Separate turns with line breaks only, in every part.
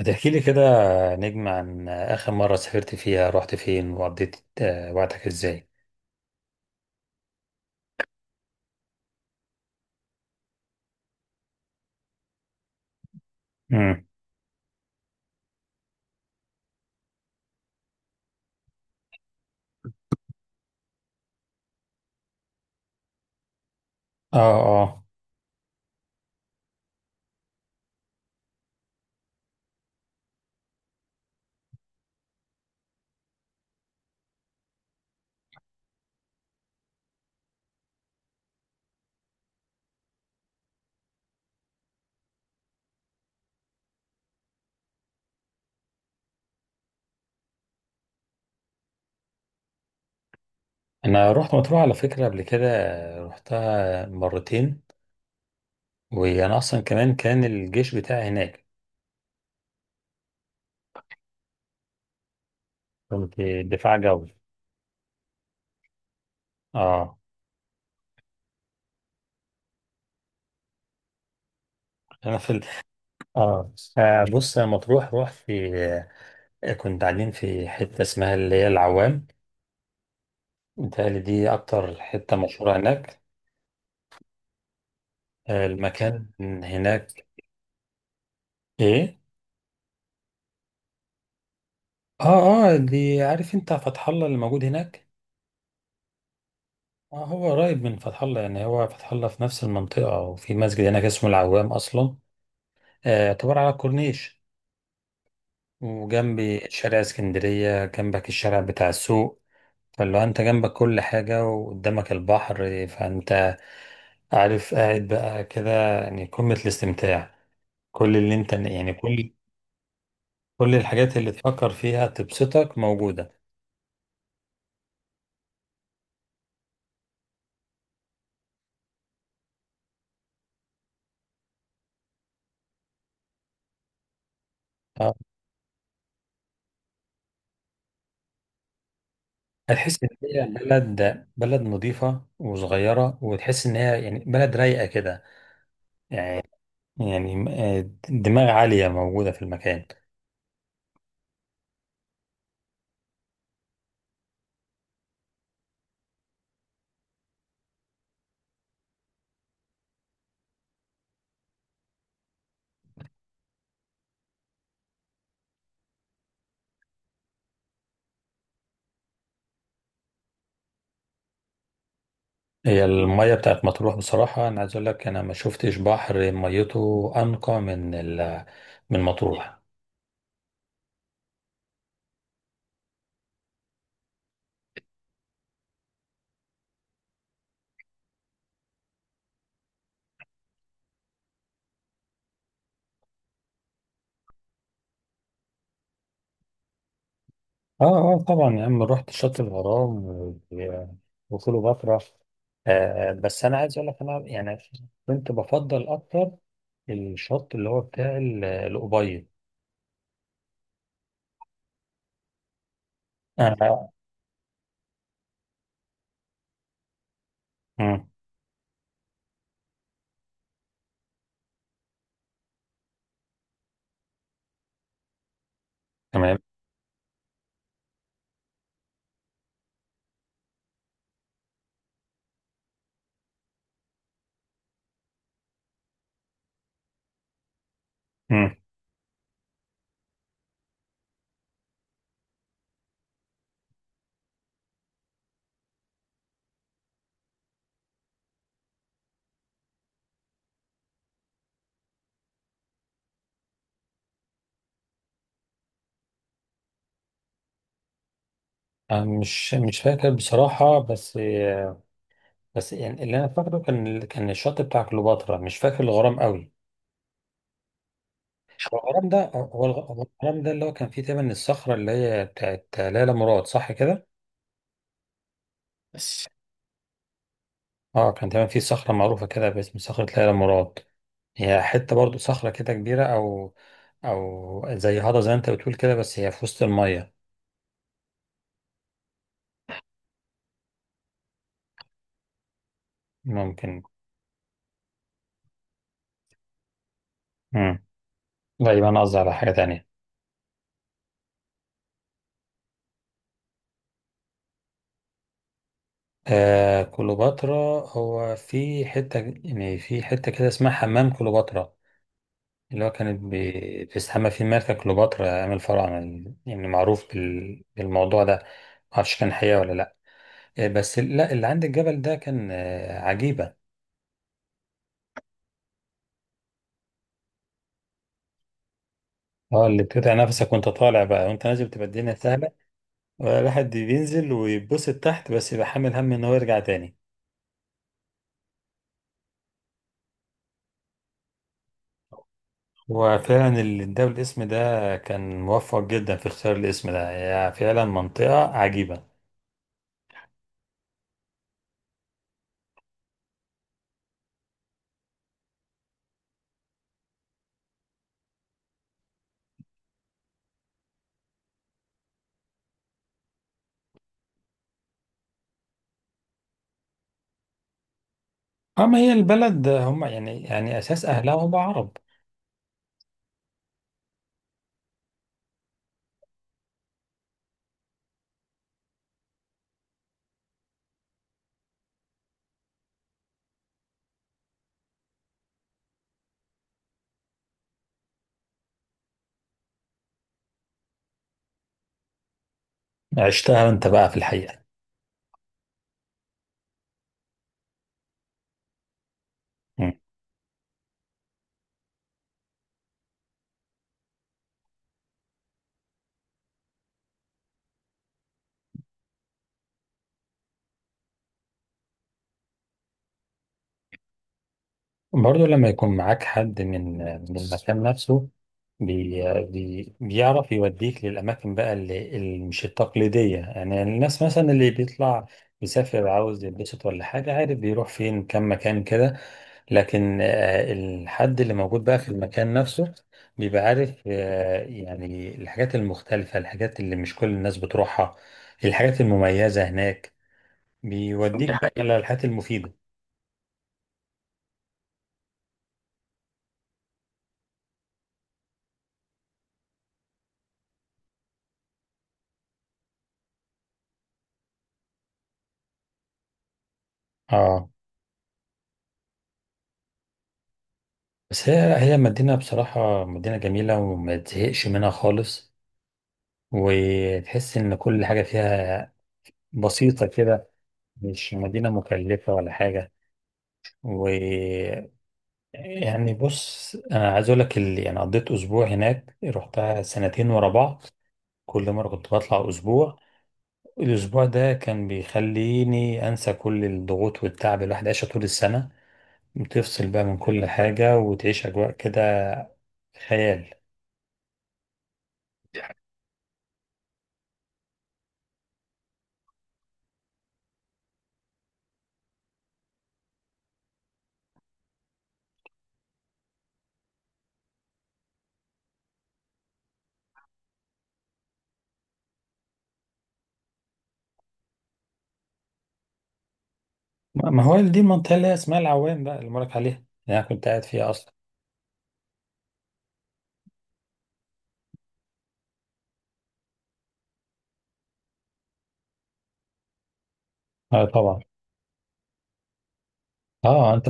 هتحكي لي كده، نجم عن آخر مرة سافرت فيها، رحت فين وقضيت وقتك ازاي؟ امم. اه. اه، انا رحت مطروح على فكرة قبل كده. رحتها مرتين. وانا اصلا كمان كان الجيش بتاعي هناك. كنت دفاع جوي. اه. انا في ال... اه. بص، انا مطروح رحت في، كنت قاعدين في حتة اسمها اللي هي العوام. متهيألي دي اكتر حتة مشهورة هناك. المكان هناك. ايه. اه، اه، دي، عارف انت فتح الله اللي موجود هناك. اه، هو قريب من فتح الله، يعني هو فتح الله في نفس المنطقة، وفي مسجد هناك اسمه العوام أصلا. يعتبر على الكورنيش، وجنبي شارع اسكندرية، جنبك الشارع بتاع السوق. فاللي هو انت جنبك كل حاجة وقدامك البحر، فانت عارف قاعد بقى كده، يعني قمة الاستمتاع. كل اللي انت يعني كل كل الحاجات اللي تفكر فيها تبسطك موجودة. اه. هتحس ان هي بلد نظيفه وصغيره، وتحس ان هي يعني بلد رايقه كده. يعني يعني دماغ عاليه موجوده في المكان. هي الميه بتاعت مطروح بصراحه، انا عايز اقول لك انا ما شفتش بحر ميته انقى من مطروح. اه. اه طبعا يا عم، رحت شط الغرام وكليوباترا. بس انا عايز اقول لك، انا يعني كنت بفضل اكتر الشط اللي هو بتاع الأوبايد. آه. آه. مم. تمام. مم. أنا مش فاكر بصراحة، بس بس يعني اللي أنا فاكره كان الشط بتاع كليوباترا، مش فاكر الغرام قوي. هو الغرام ده اللي هو كان فيه تقريبا الصخرة اللي هي بتاعت ليلى مراد، صح كده؟ بس. اه كان تقريبا فيه صخرة معروفة كده باسم صخرة ليلى مراد. هي حتة برضو صخرة كده كبيرة، أو زي هذا زي ما أنت بتقول كده، بس هي في وسط المية. ممكن. مم. لا، يبقى أنا قصدي على حاجة تانية. آه كليوباترا. هو في حتة يعني في حتة كده اسمها حمام كليوباترا، اللي هو كانت بيستحمى فيه الملكة كليوباترا، عامل فرع من، يعني معروف بالموضوع ده. معرفش كان حقيقة ولا لأ. بس لا، اللي عند الجبل ده كان عجيبة. اه، اللي بتقطع نفسك وانت طالع بقى، وانت نازل بتبقى الدنيا سهلة. الواحد بينزل ويتبسط تحت، بس يبقى حامل هم ان هو يرجع تاني. وفعلا اللي اداه الاسم ده كان موفق جدا في اختيار الاسم ده. هي فعلا منطقة عجيبة. اه، ما هي البلد هم، يعني اساس اهلها هم عرب. عشتها انت بقى في الحقيقه. مم. برضو لما يكون معاك حد من المكان نفسه، بي بي بيعرف يوديك للاماكن بقى اللي مش التقليديه، يعني الناس مثلا اللي بيطلع يسافر عاوز يتبسط ولا حاجه، عارف بيروح فين كم مكان كده. لكن الحد اللي موجود بقى في المكان نفسه بيبقى عارف، يعني الحاجات المختلفة، الحاجات اللي مش كل الناس بتروحها، الحاجات المميزة هناك. بيوديك دي بقى حقيقة على الحاجات المفيدة. اه. بس هي مدينة بصراحة، مدينة جميلة وما تزهقش منها خالص. وتحس إن كل حاجة فيها بسيطة كده. مش مدينة مكلفة ولا حاجة. و... يعني بص، انا عايز اقول لك، اللي يعني قضيت اسبوع هناك، رحتها سنتين ورا بعض. كل مره كنت بطلع اسبوع. الاسبوع ده كان بيخليني انسى كل الضغوط والتعب اللي الواحد عايشه طول السنه. بتفصل بقى من كل حاجه، وتعيش اجواء كده خيال. ما هو دي المنطقه اللي هي اسمها العوام بقى، اللي بقولك عليها، اللي انا كنت قاعد فيها اصلا. اه طبعا. اه، انت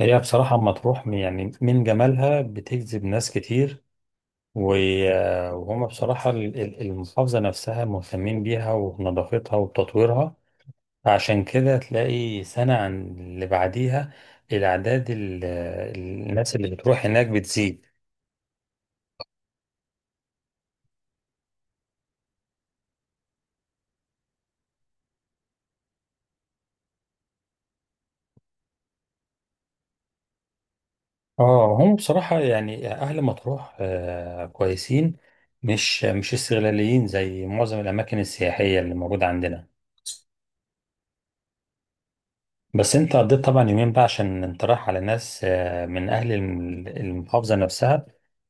هي بصراحه اما تروح، يعني من جمالها بتجذب ناس كتير. وهم بصراحة المحافظة نفسها مهتمين بيها، ونظافتها وتطويرها. عشان كده تلاقي سنة عن اللي بعديها الأعداد ال- الناس اللي بتروح هناك بتزيد. اه، هم بصراحة يعني أهل مطروح كويسين، مش استغلاليين زي معظم الأماكن السياحية اللي موجودة عندنا. بس أنت قضيت طبعا يومين بقى، عشان أنت رايح على ناس من أهل المحافظة نفسها،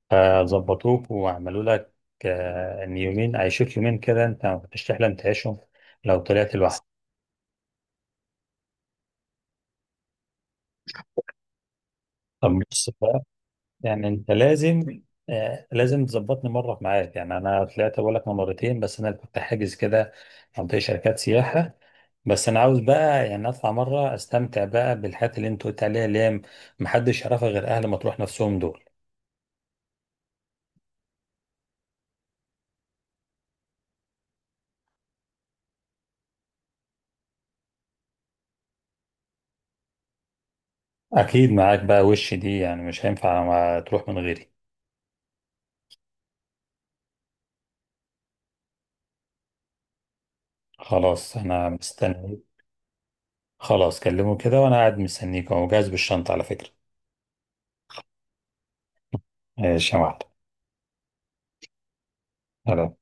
فظبطوك وعملوا لك ان يومين، عيشوك يومين كده انت ما كنتش تحلم تعيشهم لو طلعت لوحدك. طب بص بقى، يعني انت لازم تظبطني مره معاك. يعني انا طلعت بقول لك مرتين، بس انا كنت حاجز كده منطقه شركات سياحه. بس انا عاوز بقى يعني اطلع مره استمتع بقى بالحاجات اللي انت قلت عليها، اللي هي محدش يعرفها غير اهل مطروح نفسهم دول. اكيد معاك بقى، وش دي يعني مش هينفع ما تروح من غيري. خلاص، انا مستني. خلاص، كلمه كده وانا قاعد مستنيك اهو جاهز بالشنطة على فكرة. ماشي يا معلم.